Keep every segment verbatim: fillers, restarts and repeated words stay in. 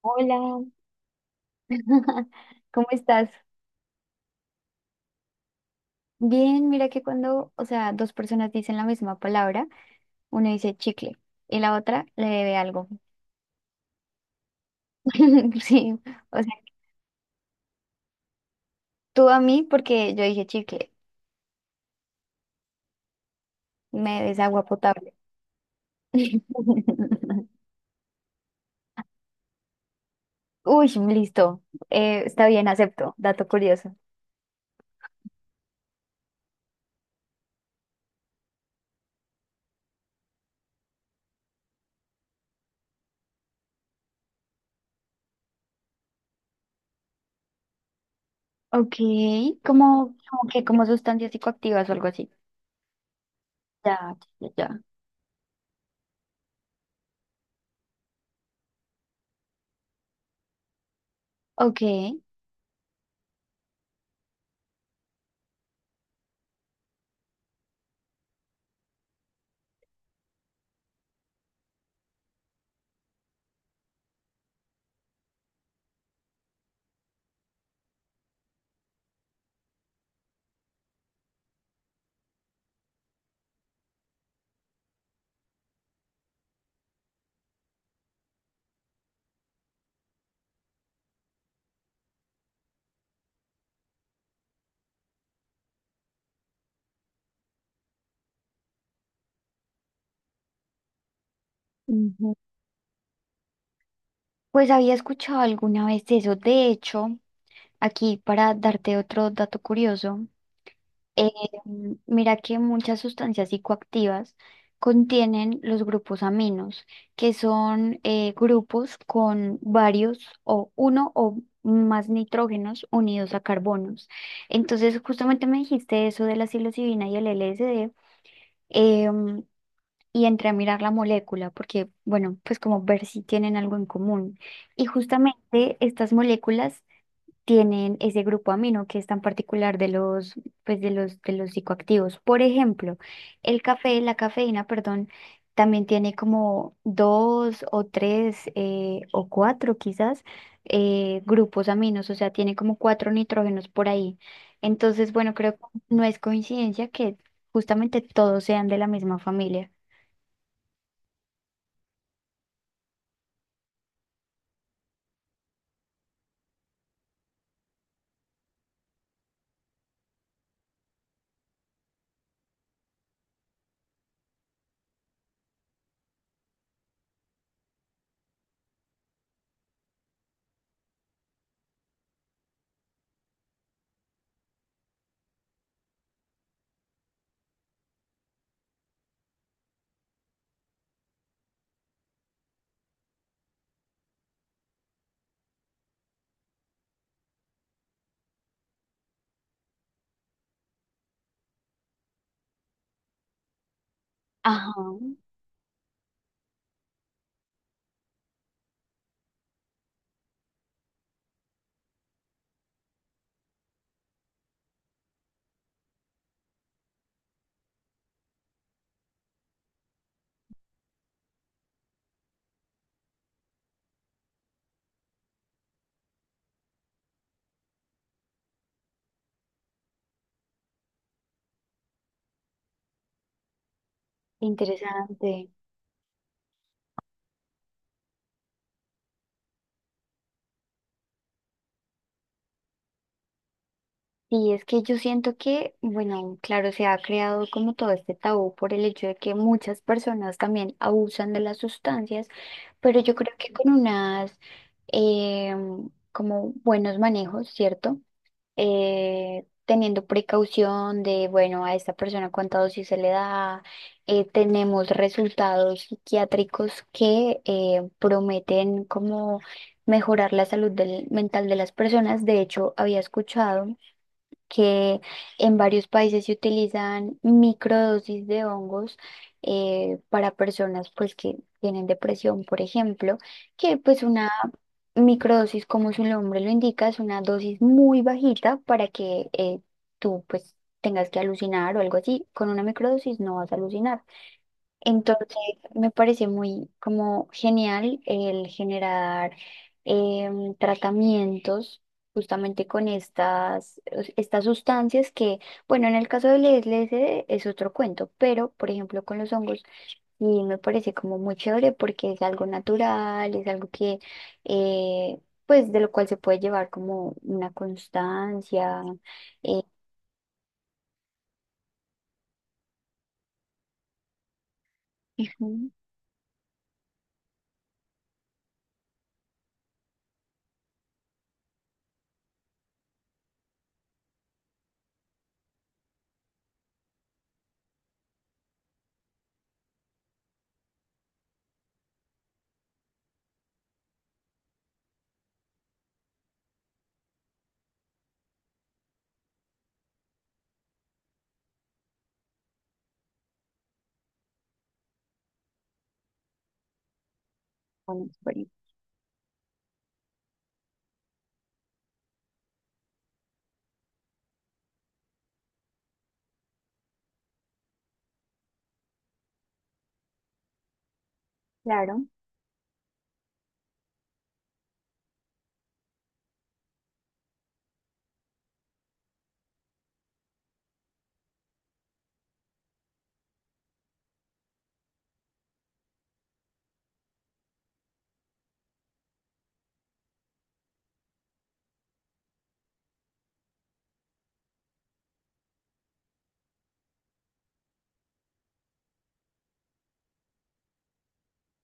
Hola, ¿cómo estás? Bien, mira que cuando, o sea, dos personas dicen la misma palabra, una dice chicle y la otra le debe algo. Sí, o sea, tú a mí porque yo dije chicle, me des agua potable. Uy, listo, eh, está bien, acepto, dato curioso. Ok, como, como que como sustancias psicoactivas o algo así. Ya, ya, ya. Ok. Ujú. Pues había escuchado alguna vez eso, de hecho. Aquí para darte otro dato curioso, eh, mira que muchas sustancias psicoactivas contienen los grupos aminos, que son eh, grupos con varios o uno o más nitrógenos unidos a carbonos. Entonces, justamente me dijiste eso de la psilocibina y el L S D, em, y entré a mirar la molécula, porque, bueno, pues como ver si tienen algo en común. Y justamente estas moléculas tienen ese grupo amino que es tan particular de los, pues de los, de los psicoactivos. Por ejemplo, el café, la cafeína, perdón, también tiene como dos o tres eh, o cuatro quizás eh, grupos aminos, o sea, tiene como cuatro nitrógenos por ahí. Entonces, bueno, creo que no es coincidencia que justamente todos sean de la misma familia. Ajá, interesante. Sí, es que yo siento que, bueno, claro, se ha creado como todo este tabú por el hecho de que muchas personas también abusan de las sustancias, pero yo creo que con unas eh, como buenos manejos, ¿cierto? eh, teniendo precaución de, bueno, a esta persona cuánta dosis se le da. eh, tenemos resultados psiquiátricos que eh, prometen como mejorar la salud del- mental de las personas. De hecho, había escuchado que en varios países se utilizan microdosis de hongos eh, para personas pues que tienen depresión, por ejemplo, que pues una microdosis, como su nombre lo indica, es una dosis muy bajita para que eh, tú pues tengas que alucinar o algo así. Con una microdosis no vas a alucinar. Entonces, me parece muy como genial el generar em, tratamientos justamente con estas, es- estas sustancias que, bueno, en el caso del L S D es otro cuento, pero por ejemplo con los hongos, y me parece como muy chévere porque es algo natural, es algo que, eh, pues de lo cual se puede llevar como una constancia. eh, Ujú. Bueno, por ahí. Claro,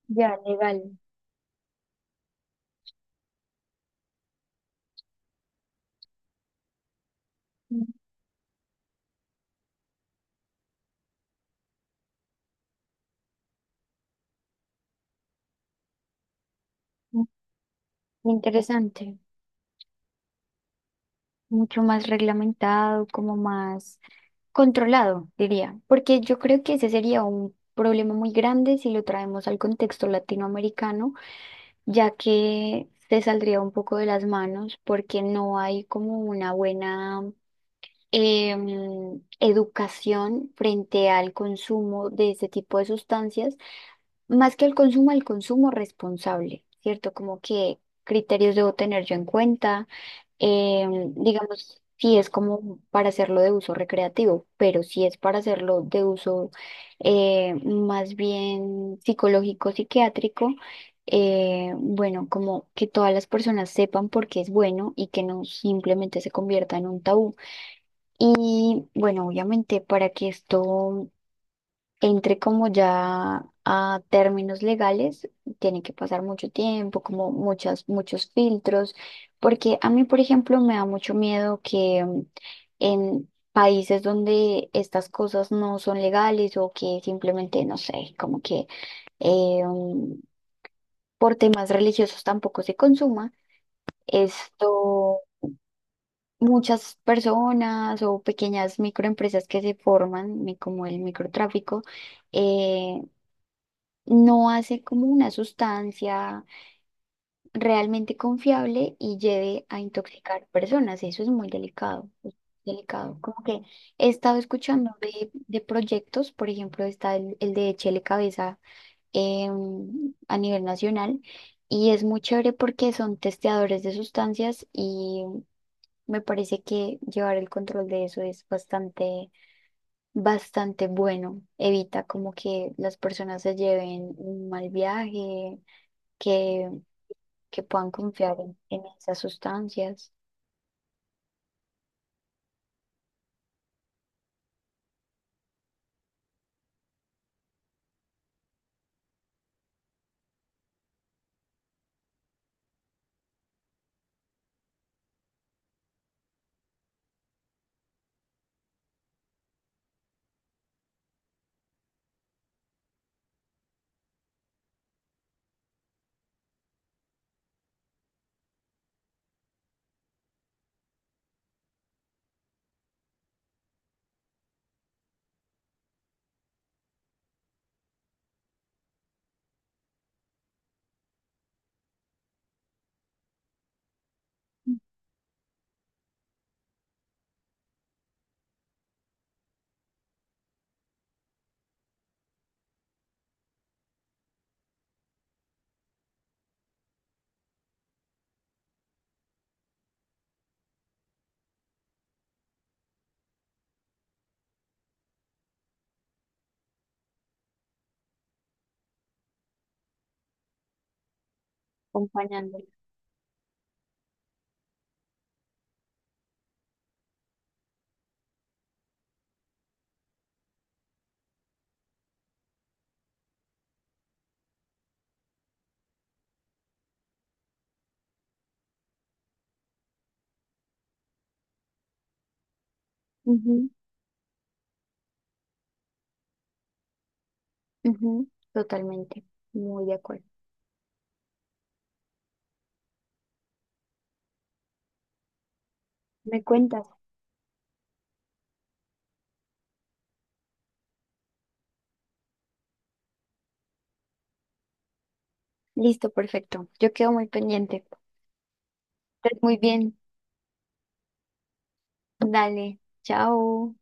ya legal. Interesante, mucho más reglamentado, como más controlado, diría, porque yo creo que ese sería un problema muy grande si lo traemos al contexto latinoamericano, ya que se saldría un poco de las manos porque no hay como una buena em, educación frente al consumo de ese tipo de sustancias, más que al consumo, al consumo responsable, ¿cierto? Como que criterios debo tener yo en cuenta. Em, digamos, si es como para hacerlo de uso recreativo, pero si es para hacerlo de uso eh, más bien psicológico, psiquiátrico, eh, bueno, como que todas las personas sepan por qué es bueno y que no simplemente se convierta en un tabú. Y bueno, obviamente para que esto entre como ya a términos legales, tiene que pasar mucho tiempo, como muchas, muchos filtros, porque a mí, por ejemplo, me da mucho miedo que mm, en países donde estas cosas no son legales o que simplemente, no sé, como que eh, mm, por temas religiosos tampoco se consuma, esto... Muchas personas o pequeñas microempresas que se forman, mi- como el microtráfico, eh, no hace como una sustancia realmente confiable y lleve a intoxicar personas. Eso es muy delicado, es delicado. Como que he estado escuchando de, de proyectos, por ejemplo, está el, el de Chele Cabeza, em, a nivel nacional, y es muy chévere porque son testeadores de sustancias y me parece que llevar el control de eso es bastante bastante bueno. Evita como que las personas se lleven un mal viaje, que, que puedan confiar en, en esas sustancias, acompañándolas. Ujú, ujú, totalmente, muy de acuerdo. ¿Me cuentas? Listo, perfecto. Yo quedo muy pendiente. Estés muy bien. Dale, chao.